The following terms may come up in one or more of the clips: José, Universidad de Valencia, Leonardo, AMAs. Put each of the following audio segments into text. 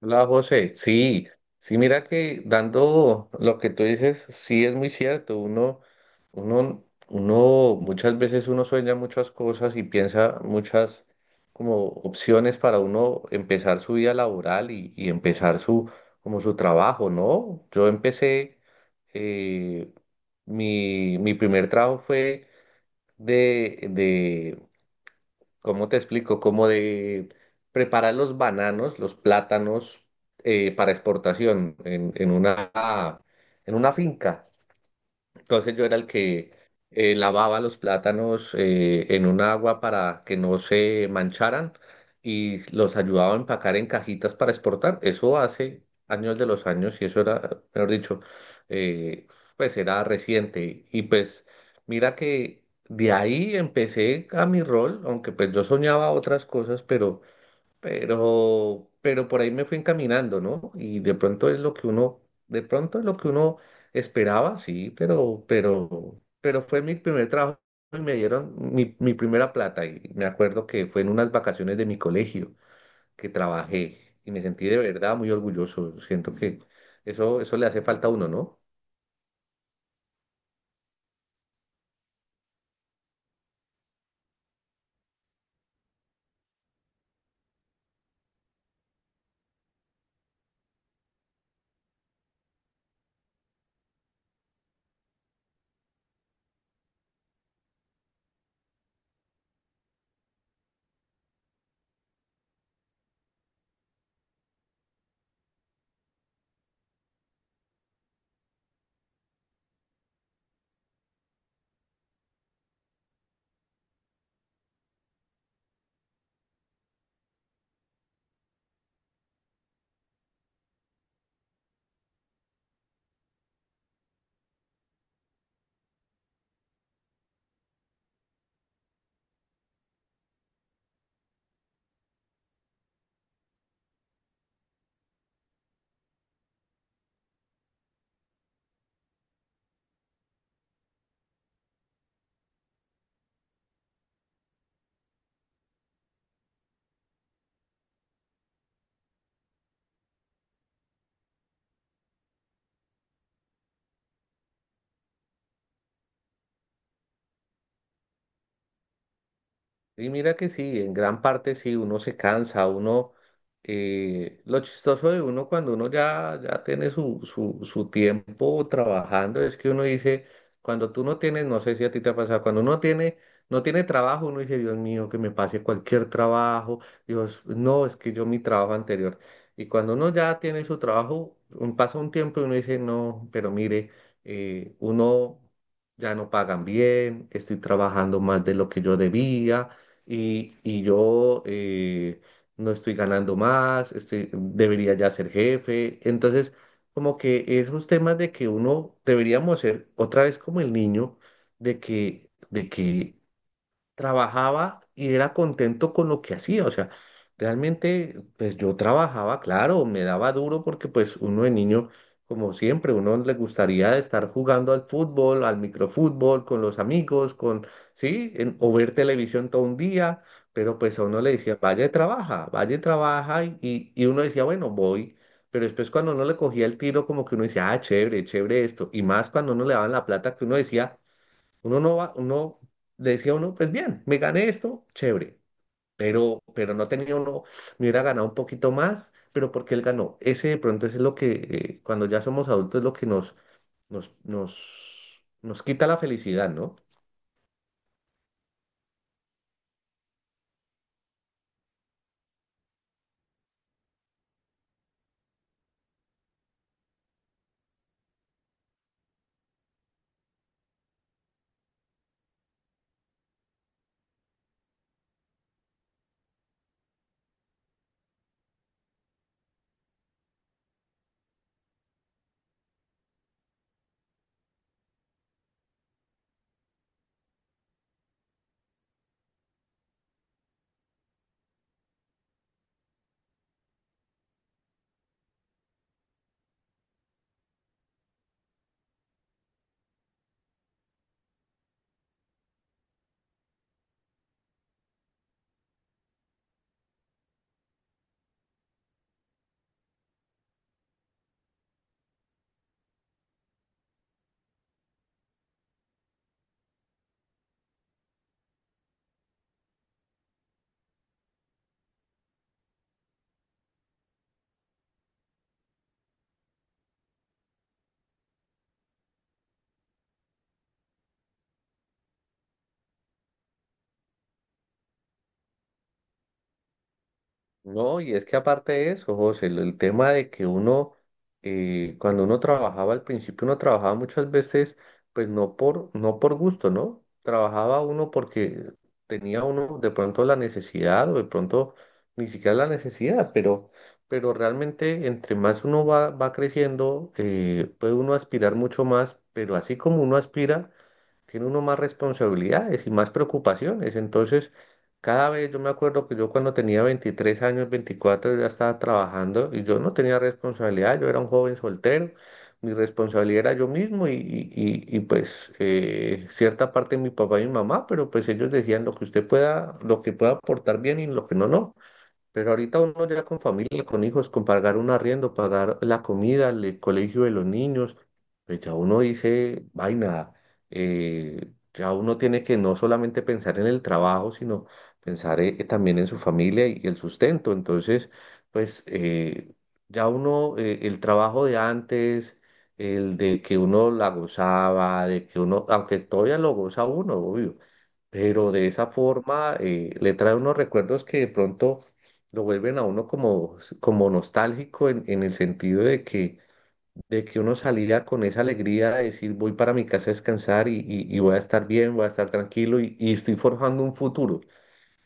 Hola José, sí, sí, mira que dando lo que tú dices, sí es muy cierto, uno, muchas veces uno sueña muchas cosas y piensa muchas como opciones para uno empezar su vida laboral y empezar su, como su trabajo, ¿no? Yo empecé, eh, mi primer trabajo fue de, ¿cómo te explico? Como de preparar los bananos, los plátanos para exportación en una, en una finca. Entonces yo era el que lavaba los plátanos en un agua para que no se mancharan y los ayudaba a empacar en cajitas para exportar. Eso hace años de los años y eso era, mejor dicho, eh, pues era reciente. Y pues mira que de ahí empecé a mi rol, aunque pues yo soñaba otras cosas, pero por ahí me fui encaminando, ¿no? Y de pronto es lo que uno esperaba, sí, pero fue mi primer trabajo y me dieron mi primera plata y me acuerdo que fue en unas vacaciones de mi colegio que trabajé y me sentí de verdad muy orgulloso. Siento que eso le hace falta a uno, ¿no? Y mira que sí, en gran parte sí, uno se cansa, uno, lo chistoso de uno cuando uno ya tiene su tiempo trabajando es que uno dice, cuando tú no tienes, no sé si a ti te ha pasado, no tiene trabajo, uno dice, Dios mío, que me pase cualquier trabajo, Dios, no, es que yo mi trabajo anterior. Y cuando uno ya tiene su trabajo, pasa un tiempo y uno dice, no, pero mire, uno ya no pagan bien, estoy trabajando más de lo que yo debía y yo no estoy ganando más, estoy, debería ya ser jefe. Entonces, como que esos temas de que uno deberíamos ser otra vez como el niño, de que trabajaba y era contento con lo que hacía. O sea, realmente, pues yo trabajaba, claro, me daba duro porque pues uno de niño, como siempre, uno le gustaría estar jugando al fútbol, al microfútbol, con los amigos, con, sí, o ver televisión todo un día, pero pues a uno le decía, vaya y trabaja y uno decía, bueno, voy. Pero después cuando uno le cogía el tiro, como que uno decía, ah, chévere, chévere esto. Y más cuando uno le daban la plata que uno decía, uno no va, uno le decía a uno, pues bien, me gané esto, chévere, pero no tenía uno, me hubiera ganado un poquito más, pero porque él ganó. Ese de pronto es lo que, cuando ya somos adultos, es lo que nos quita la felicidad, ¿no? No, y es que aparte de eso, José, el tema de que uno, cuando uno trabajaba al principio, uno trabajaba muchas veces, pues no por gusto, ¿no? Trabajaba uno porque tenía uno de pronto la necesidad o de pronto ni siquiera la necesidad, pero realmente entre más uno va creciendo, puede uno aspirar mucho más, pero así como uno aspira, tiene uno más responsabilidades y más preocupaciones. Entonces, cada vez yo me acuerdo que yo cuando tenía 23 años, 24 ya estaba trabajando y yo no tenía responsabilidad, yo era un joven soltero, mi responsabilidad era yo mismo y, pues cierta parte de mi papá y mi mamá, pero pues ellos decían lo que usted pueda, lo que pueda aportar bien y lo que no, no. Pero ahorita uno ya con familia, con hijos, con pagar un arriendo, pagar la comida, el colegio de los niños, pues ya uno dice, vaina, ya uno tiene que no solamente pensar en el trabajo, sino pensar también en su familia y el sustento. Entonces, pues el trabajo de antes, el de que uno la gozaba, de que uno, aunque todavía lo goza uno, obvio, pero de esa forma le trae unos recuerdos que de pronto lo vuelven a uno como, como nostálgico en el sentido de que uno salía con esa alegría de decir voy para mi casa a descansar y voy a estar bien, voy a estar tranquilo y estoy forjando un futuro.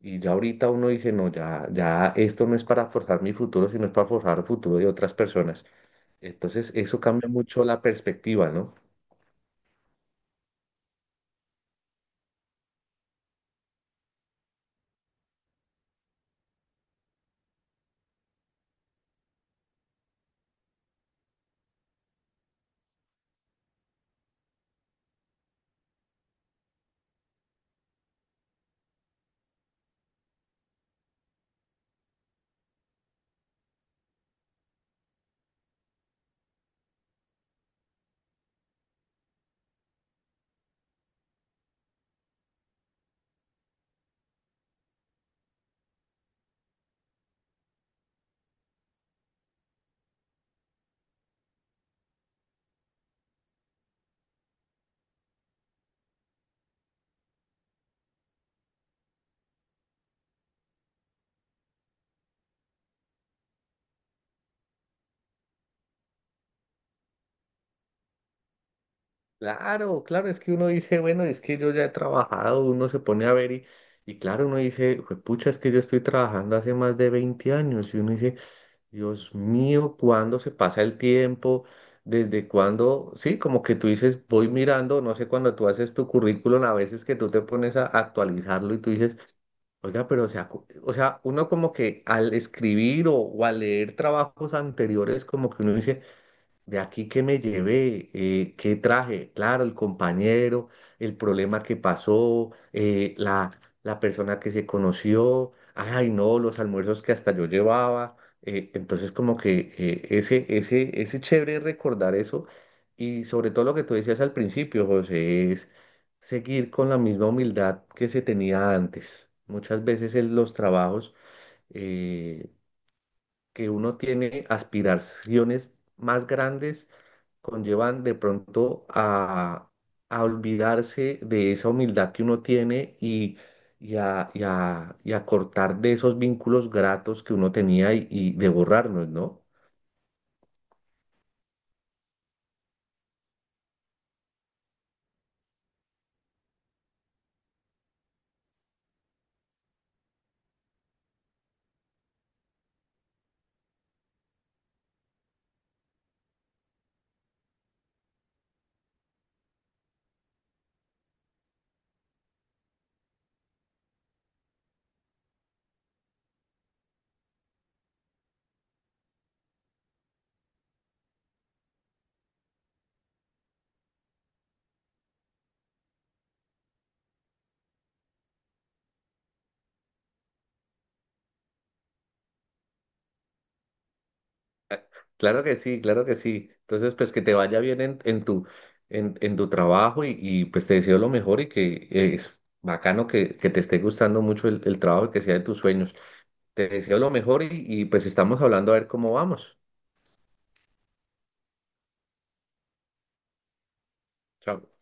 Y ya ahorita uno dice, no, ya esto no es para forjar mi futuro, sino es para forjar el futuro de otras personas. Entonces eso cambia mucho la perspectiva, ¿no? Claro, claro, es que uno dice, bueno, es que yo ya he trabajado, uno se pone a ver y claro, uno dice, pucha, es que yo estoy trabajando hace más de 20 años y uno dice, Dios mío, cuándo se pasa el tiempo, desde cuándo, sí, como que tú dices, voy mirando, no sé, cuando tú haces tu currículum, a veces que tú te pones a actualizarlo y tú dices, oiga, pero o sea, o sea, uno como que al escribir o al leer trabajos anteriores, como que uno dice, de aquí que me llevé, qué traje, claro, el compañero, el problema que pasó, la persona que se conoció, ay no, los almuerzos que hasta yo llevaba. Entonces como que ese chévere recordar eso y sobre todo lo que tú decías al principio, José, es seguir con la misma humildad que se tenía antes. Muchas veces en los trabajos... eh, que uno tiene aspiraciones más grandes conllevan de pronto a olvidarse de esa humildad que uno tiene y a cortar de esos vínculos gratos que uno tenía y de borrarnos, ¿no? Claro que sí, claro que sí. Entonces, pues que te vaya bien en tu trabajo y pues te deseo lo mejor y que es bacano que te esté gustando mucho el trabajo y que sea de tus sueños. Te deseo lo mejor y pues estamos hablando a ver cómo vamos. Chao.